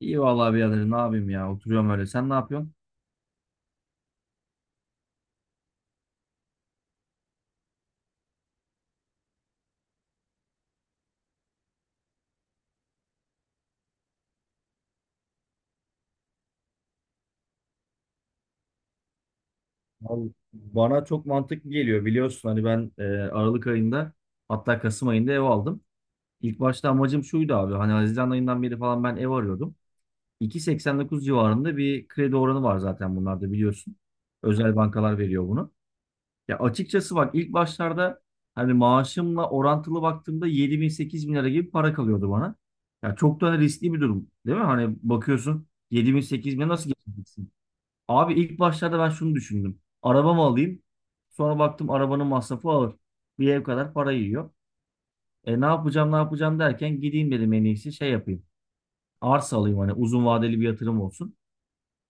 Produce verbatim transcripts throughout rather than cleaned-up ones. İyi vallahi birader ne yapayım ya oturuyorum öyle. Sen ne yapıyorsun? Vallahi bana çok mantıklı geliyor, biliyorsun hani ben e, Aralık ayında hatta Kasım ayında ev aldım. İlk başta amacım şuydu abi, hani Haziran ayından beri falan ben ev arıyordum. iki virgül seksen dokuz civarında bir kredi oranı var zaten bunlarda biliyorsun. Özel bankalar veriyor bunu. Ya açıkçası bak, ilk başlarda hani maaşımla orantılı baktığımda yedi bin sekiz bin lira gibi para kalıyordu bana. Ya çok da riskli bir durum değil mi? Hani bakıyorsun yedi bin sekiz bin nasıl geçeceksin? Abi ilk başlarda ben şunu düşündüm. Araba mı alayım? Sonra baktım arabanın masrafı ağır. Bir ev kadar para yiyor. E ne yapacağım ne yapacağım derken gideyim dedim en iyisi şey yapayım. Arsa alayım, hani uzun vadeli bir yatırım olsun.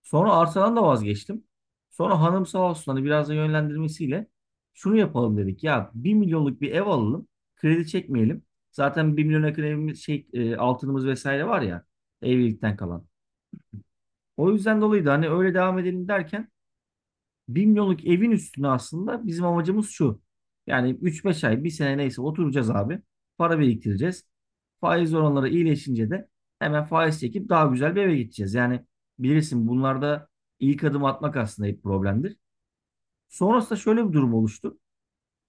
Sonra arsadan da vazgeçtim. Sonra hanım sağ olsun, hani biraz da yönlendirmesiyle şunu yapalım dedik. Ya bir milyonluk bir ev alalım. Kredi çekmeyelim. Zaten bir milyon yakın evimiz şey e, altınımız vesaire var ya, evlilikten kalan. O yüzden dolayı da hani öyle devam edelim derken bir milyonluk evin üstüne aslında bizim amacımız şu. Yani üç beş ay, bir sene neyse oturacağız abi. Para biriktireceğiz. Faiz oranları iyileşince de hemen faiz çekip daha güzel bir eve gideceğiz. Yani bilirsin bunlarda ilk adım atmak aslında hep problemdir. Sonrasında şöyle bir durum oluştu.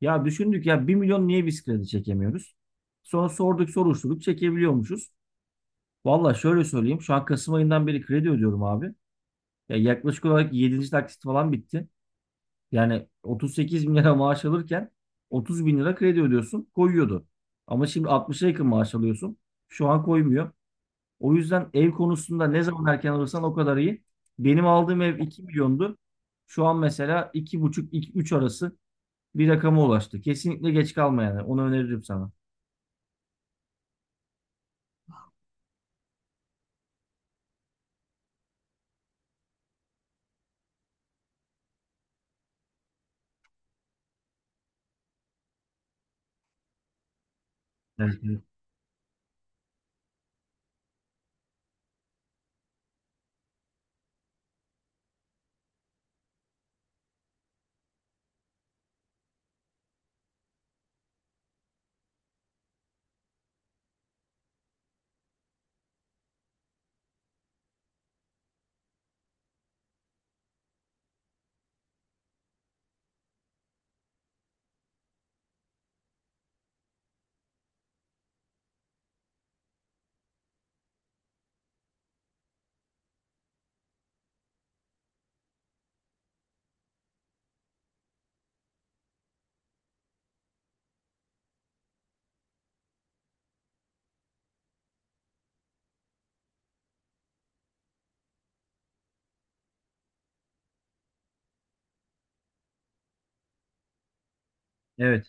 Ya düşündük, ya bir milyon niye biz kredi çekemiyoruz? Sonra sorduk soruşturduk, çekebiliyormuşuz. Valla şöyle söyleyeyim, şu an Kasım ayından beri kredi ödüyorum abi. Ya yaklaşık olarak yedinci taksit falan bitti. Yani otuz sekiz bin lira maaş alırken otuz bin lira kredi ödüyorsun, koyuyordu. Ama şimdi altmışa yakın maaş alıyorsun. Şu an koymuyor. O yüzden ev konusunda ne zaman erken alırsan o kadar iyi. Benim aldığım ev iki milyondu. Şu an mesela iki buçuk-üç arası bir rakama ulaştı. Kesinlikle geç kalma yani. Onu öneririm sana. Evet, evet. Evet,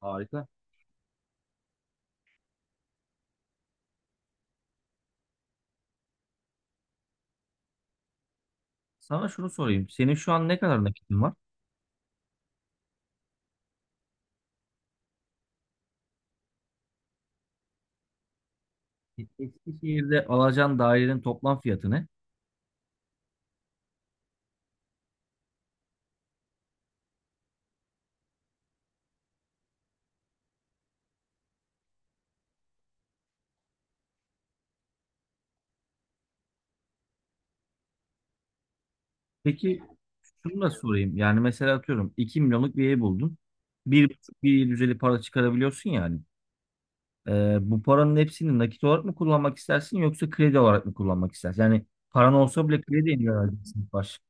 harika. Sana şunu sorayım. Senin şu an ne kadar nakitin var? Eskişehir'de alacağın dairenin toplam fiyatı ne? Peki, şunu da sorayım. Yani mesela atıyorum iki milyonluk bir ev buldun. bir buçuk bir düzeli para çıkarabiliyorsun yani. Ee, bu paranın hepsini nakit olarak mı kullanmak istersin yoksa kredi olarak mı kullanmak istersin? Yani paran olsa bile krediye mi vereceksin baş?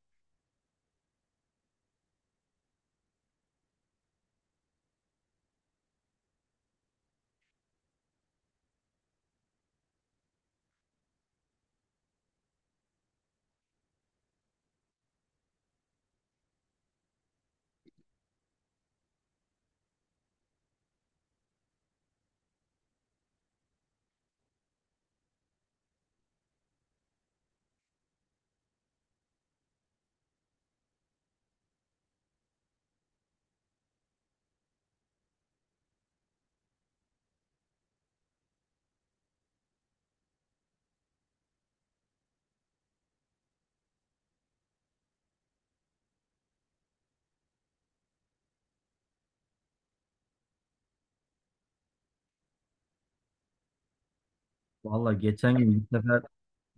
Valla geçen gün bir sefer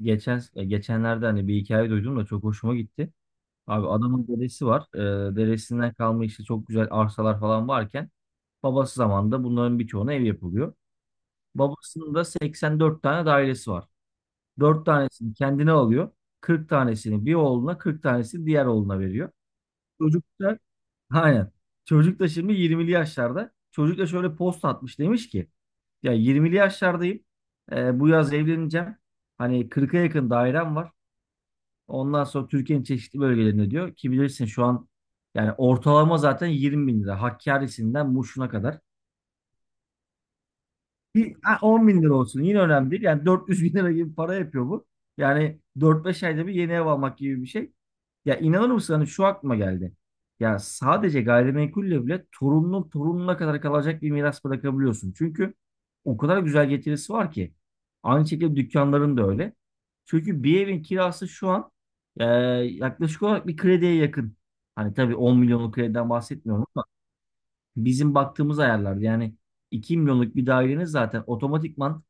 geçen e, geçenlerde hani bir hikaye duydum da çok hoşuma gitti. Abi adamın dedesi var. Ee, dedesinden kalma işte çok güzel arsalar falan varken babası zamanında bunların birçoğuna ev yapılıyor. Babasının da seksen dört tane dairesi var. Dört tanesini kendine alıyor. Kırk tanesini bir oğluna, kırk tanesini diğer oğluna veriyor. Çocuk da aynen. Çocuk da şimdi yirmili yaşlarda. Çocuk da şöyle post atmış, demiş ki ya yirmili yaşlardayım. Ee, bu yaz evleneceğim. Hani kırka yakın dairem var. Ondan sonra Türkiye'nin çeşitli bölgelerinde diyor ki, bilirsin şu an yani ortalama zaten yirmi bin lira. Hakkari'sinden Muş'una kadar. Bir, ha, on bin lira olsun yine önemli değil. Yani dört yüz bin lira gibi para yapıyor bu. Yani dört beş ayda bir yeni ev almak gibi bir şey. Ya inanır mısın, hani şu aklıma geldi. Ya sadece gayrimenkulle bile torunun torununa kadar kalacak bir miras bırakabiliyorsun. Çünkü o kadar güzel getirisi var ki. Aynı şekilde dükkanların da öyle. Çünkü bir evin kirası şu an e, yaklaşık olarak bir krediye yakın. Hani tabii on milyonluk krediden bahsetmiyorum, bizim baktığımız ayarlar, yani iki milyonluk bir dairenin zaten otomatikman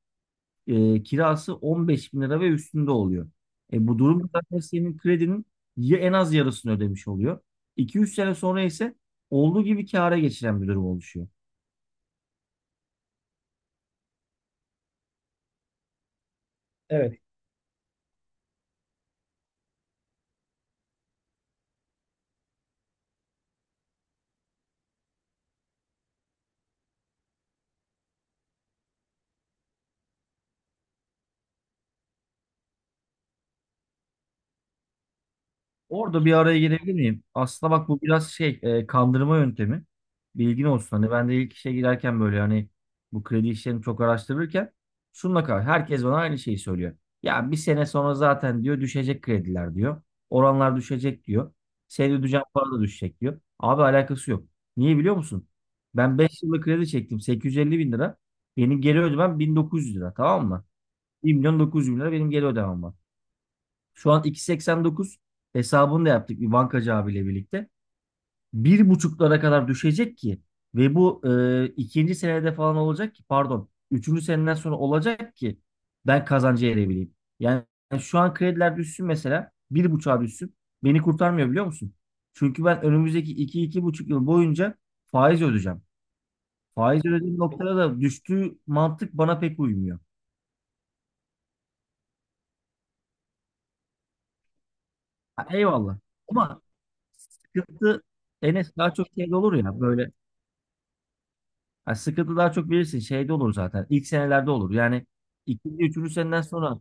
e, kirası on beş bin lira ve üstünde oluyor. E, bu durumda zaten senin kredinin ya en az yarısını ödemiş oluyor. iki üç sene sonra ise olduğu gibi kâra geçiren bir durum oluşuyor. Orada bir araya girebilir miyim? Aslında bak, bu biraz şey e, kandırma yöntemi. Bilgin olsun. Hani ben de ilk işe girerken böyle hani bu kredi işlerini çok araştırırken şununla kar herkes bana aynı şeyi söylüyor. Ya bir sene sonra zaten diyor düşecek krediler diyor. Oranlar düşecek diyor. Senin ödeyeceğin para da düşecek diyor. Abi alakası yok. Niye biliyor musun? Ben beş yıllık kredi çektim sekiz yüz elli bin lira. Benim geri ödemem bin dokuz yüz lira, tamam mı? bir milyon dokuz yüz bin lira benim geri ödemem var. Şu an iki virgül seksen dokuz hesabını da yaptık bir bankacı abiyle birlikte. Bir buçuklara kadar düşecek ki ve bu e, ikinci senede falan olacak ki, pardon, üçüncü seneden sonra olacak ki ben kazancı erebileyim. Yani şu an krediler düşsün, mesela bir buçuğa düşsün, beni kurtarmıyor biliyor musun? Çünkü ben önümüzdeki iki iki buçuk yıl boyunca faiz ödeyeceğim. Faiz ödediğim noktada da düştüğü mantık bana pek uymuyor. Ha, eyvallah. Ama sıkıntı Enes daha çok şey olur ya böyle. Ha, sıkıntı daha çok bilirsin şeyde olur zaten. İlk senelerde olur. Yani ikinci, üçüncü seneden sonra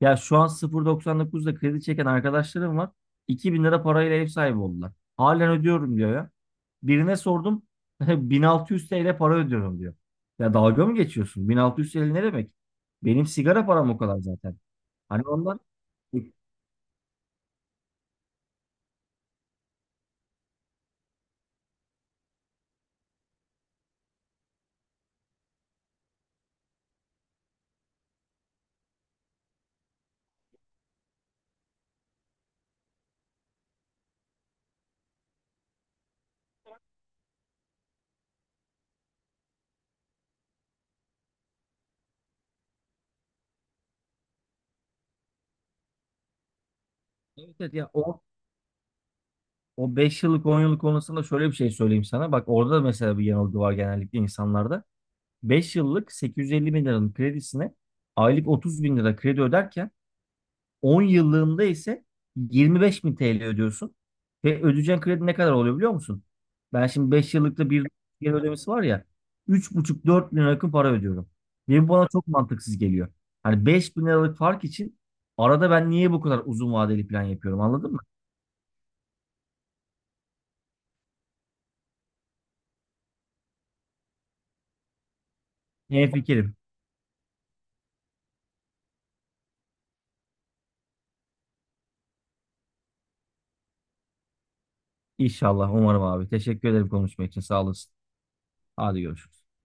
ya şu an sıfır virgül doksan dokuzda kredi çeken arkadaşlarım var. iki bin lira parayla ev sahibi oldular. Halen ödüyorum diyor ya. Birine sordum bin altı yüz T L para ödüyorum diyor. Ya dalga mı geçiyorsun? bin altı yüz T L ne demek? Benim sigara param o kadar zaten. Hani ondan e, evet, evet ya o o beş yıllık on yıllık konusunda şöyle bir şey söyleyeyim sana. Bak orada da mesela bir yanılgı var genellikle insanlarda. beş yıllık sekiz yüz elli bin liranın kredisine aylık otuz bin lira kredi öderken on yıllığında ise yirmi beş bin T L ödüyorsun. Ve ödeyeceğin kredi ne kadar oluyor biliyor musun? Ben şimdi beş yıllıkta bir geri ödemesi var ya buçuk dört bin lira yakın para ödüyorum. Ve bu bana çok mantıksız geliyor. Hani beş bin liralık fark için arada ben niye bu kadar uzun vadeli plan yapıyorum, anladın mı? Ne fikrim? İnşallah umarım abi. Teşekkür ederim konuşma için, sağ olasın. Hadi görüşürüz.